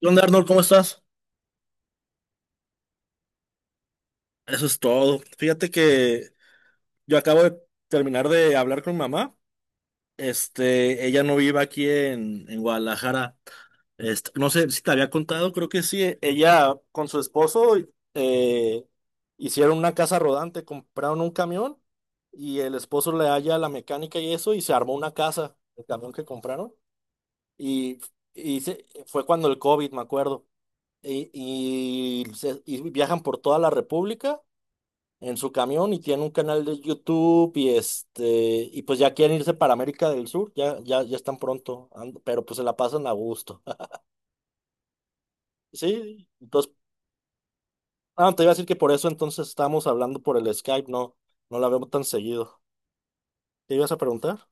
¿Qué onda, Arnold? ¿Cómo estás? Eso es todo. Fíjate que yo acabo de terminar de hablar con mamá. Ella no vive aquí en Guadalajara. No sé si te había contado, creo que sí. Ella con su esposo eh, hicieron una casa rodante, compraron un camión y el esposo le halla la mecánica y eso y se armó una casa, el camión que compraron. Y, y fue cuando el COVID, me acuerdo. Y viajan por toda la República en su camión y tiene un canal de YouTube y pues ya quieren irse para América del Sur, ya están pronto, pero pues se la pasan a gusto. Sí, entonces te iba a decir que por eso entonces estamos hablando por el Skype, no la vemos tan seguido. ¿Te ibas a preguntar?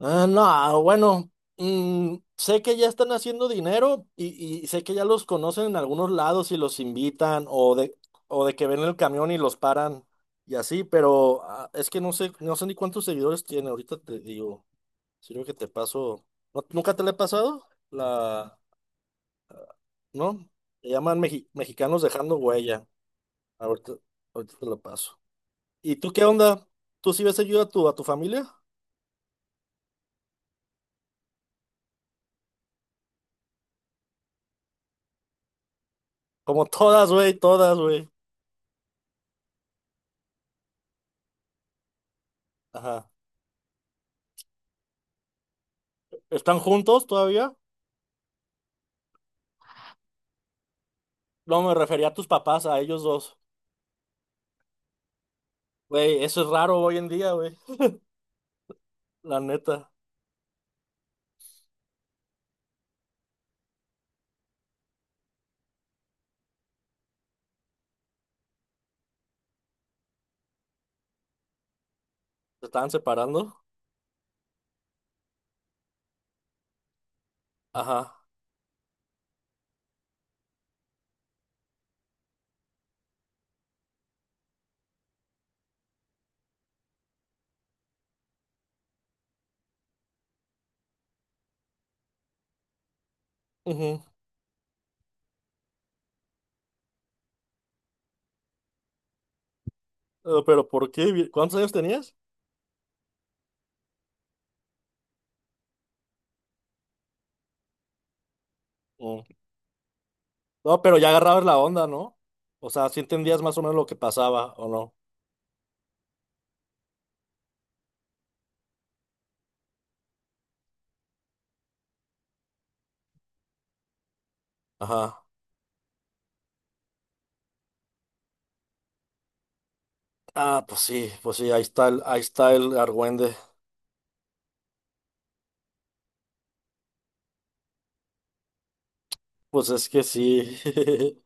Ah, no, bueno, sé que ya están haciendo dinero y sé que ya los conocen en algunos lados y los invitan o de que ven el camión y los paran y así, pero es que no sé, no sé ni cuántos seguidores tiene, ahorita te digo, sirve que te paso. ¿Nunca te le he pasado? La, ¿no? Le llaman Mexicanos Dejando Huella. Ahorita, ahorita te lo paso. ¿Y tú qué onda? ¿Tú sí ves seguido a tu familia? Como todas, güey, todas, güey. Ajá. ¿Están juntos todavía? No, me refería a tus papás, a ellos dos. Güey, eso es raro hoy en día, güey. La neta, ¿se estaban separando? Ajá. Ujú. Pero ¿por qué? ¿Cuántos años tenías? Mm. No, pero ya agarrabas la onda, ¿no? O sea, sí entendías más o menos lo que pasaba, ¿o no? Ajá. Ah, pues sí, ahí está el argüende. Pues es que sí.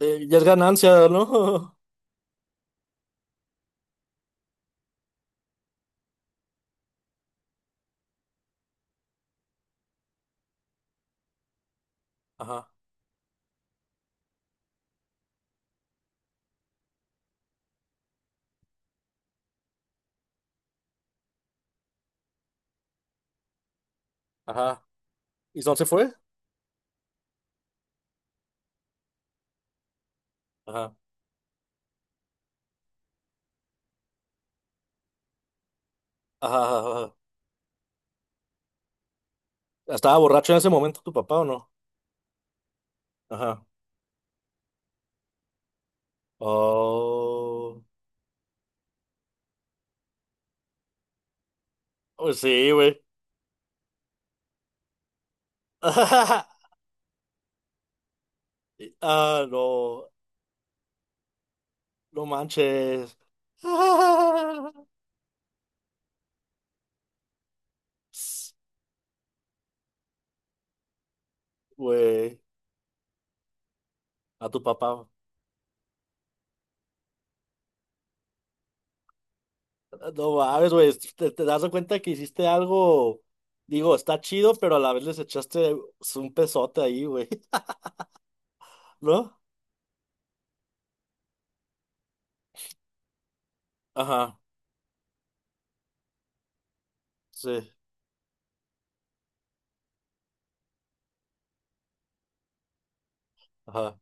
Ya es ganancia, ¿no? Ajá, ajá. ¿Y no se fue? Ajá, ajá, ajá. Ajá. ¿Estaba borracho en ese momento tu papá o no? Ajá. Oh, pues sí, güey. Ah, no, no manches. Ah, güey, a tu papá. No mames, güey, te das cuenta que hiciste algo, digo, está chido, pero a la vez les echaste un pesote ahí, güey, ¿no? Ajá, sí, ajá.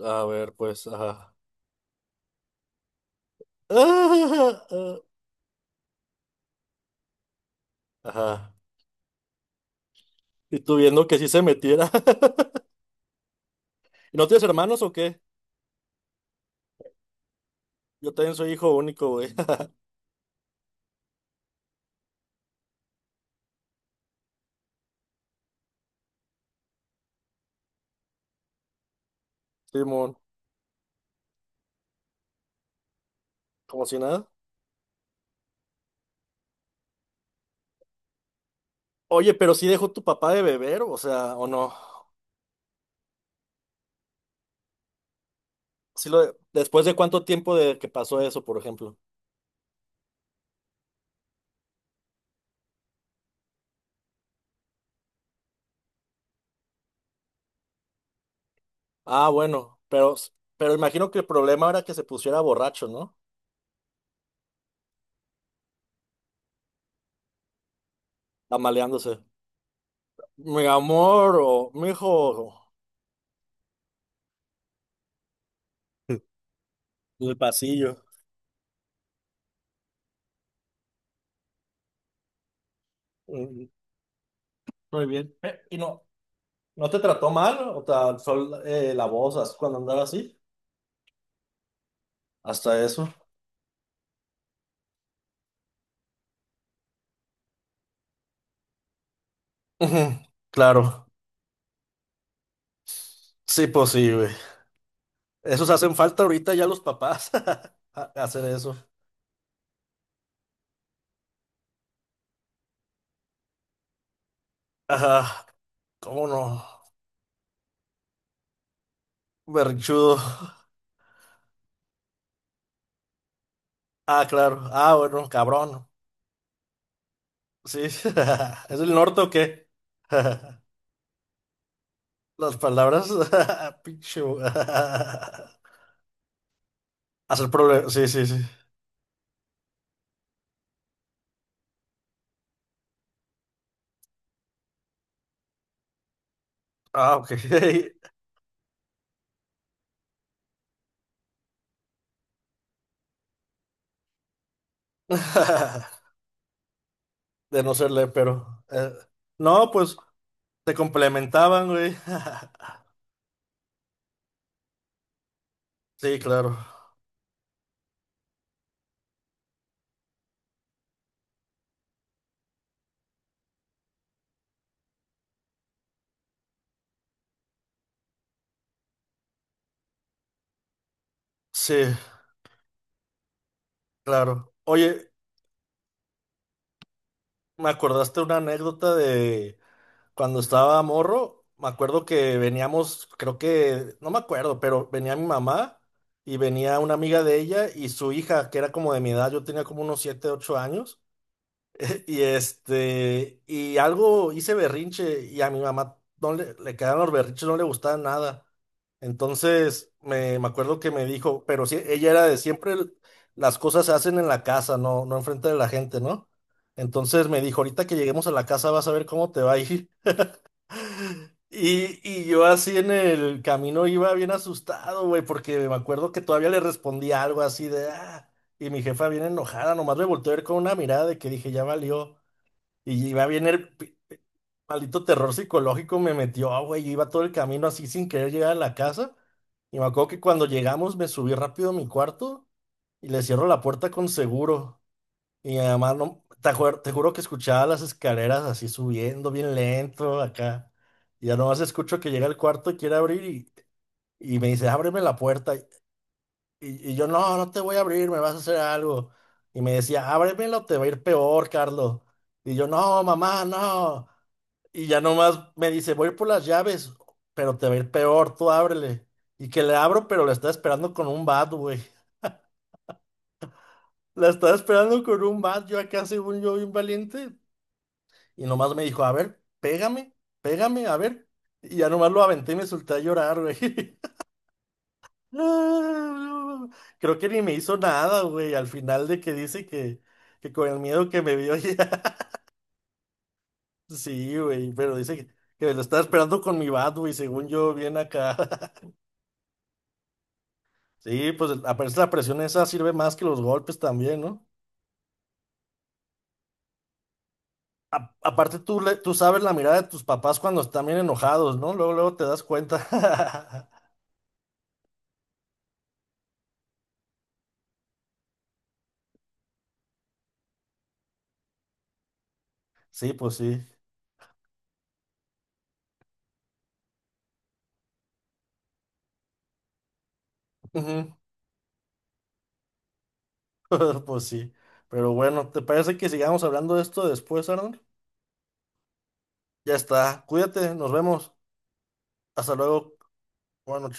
A ver, pues, ajá. Ah, ah, ajá. Y tú viendo que sí se metiera. ¿No tienes hermanos o qué? Yo también soy hijo único, güey. Simón, como si nada. Oye, pero sí dejó tu papá de beber, o sea, o no. Después de cuánto tiempo de que pasó eso, por ejemplo. Ah, bueno, pero imagino que el problema era que se pusiera borracho, ¿no? Amaleándose. Mi amor, o mi hijo, en el pasillo. Mm, Muy bien. ¿Y no te trató mal? O te alzó la voz así cuando andaba así. Hasta eso. Ujú. Claro. Sí, posible. Esos hacen falta ahorita ya los papás hacer eso. Ajá, ¿cómo no? Berrinchudo. Ah, claro. Ah, bueno, cabrón. Sí. ¿Es el norte o qué? Las palabras. Pinche. Hacer problemas. Sí, sí, sí. Ah, ok. De no serle, pero no, pues te complementaban, güey. Sí, claro. Sí, claro. Oye, me acordaste una anécdota de. Cuando estaba morro, me acuerdo que veníamos, creo que, no me acuerdo, pero venía mi mamá y venía una amiga de ella y su hija, que era como de mi edad, yo tenía como unos 7, 8 años, y y algo hice berrinche y a mi mamá no le quedaron los berrinches, no le gustaban nada. Entonces, me acuerdo que me dijo, pero sí, ella era de siempre las cosas se hacen en la casa, no enfrente de la gente, ¿no? Entonces me dijo, ahorita que lleguemos a la casa vas a ver cómo te va a ir. Y yo así en el camino iba bien asustado, güey, porque me acuerdo que todavía le respondí algo así de, y mi jefa bien enojada, nomás me volteó a ver con una mirada de que dije, ya valió. Y iba bien maldito terror psicológico me metió, güey, yo iba todo el camino así sin querer llegar a la casa. Y me acuerdo que cuando llegamos me subí rápido a mi cuarto y le cierro la puerta con seguro. Y mi mamá, no, te juro que escuchaba las escaleras así subiendo bien lento acá. Y ya nomás escucho que llega al cuarto y quiere abrir y me dice, ábreme la puerta. Y yo, no, no te voy a abrir, me vas a hacer algo. Y me decía, ábremela o te va a ir peor, Carlos. Y yo, no, mamá, no. Y ya nomás me dice, voy a ir por las llaves, pero te va a ir peor, tú ábrele. Y que le abro, pero la está esperando con un bat, güey. La estaba esperando con un bat, yo acá según yo bien valiente. Y nomás me dijo, a ver, pégame, pégame, a ver. Y ya nomás lo aventé y me solté a llorar, güey. No, no. Creo que ni me hizo nada, güey. Al final de que dice que con el miedo que me vio ya. Sí, güey, pero dice que lo estaba esperando con mi bat, güey, según yo, bien acá. Sí, pues aparece la presión esa sirve más que los golpes también, ¿no? Aparte tú sabes la mirada de tus papás cuando están bien enojados, ¿no? Luego, luego te das cuenta. Sí, pues sí. Ujú. Pues sí. Pero bueno, ¿te parece que sigamos hablando de esto después, Arnold? Ya está. Cuídate, nos vemos. Hasta luego. Buenas noches.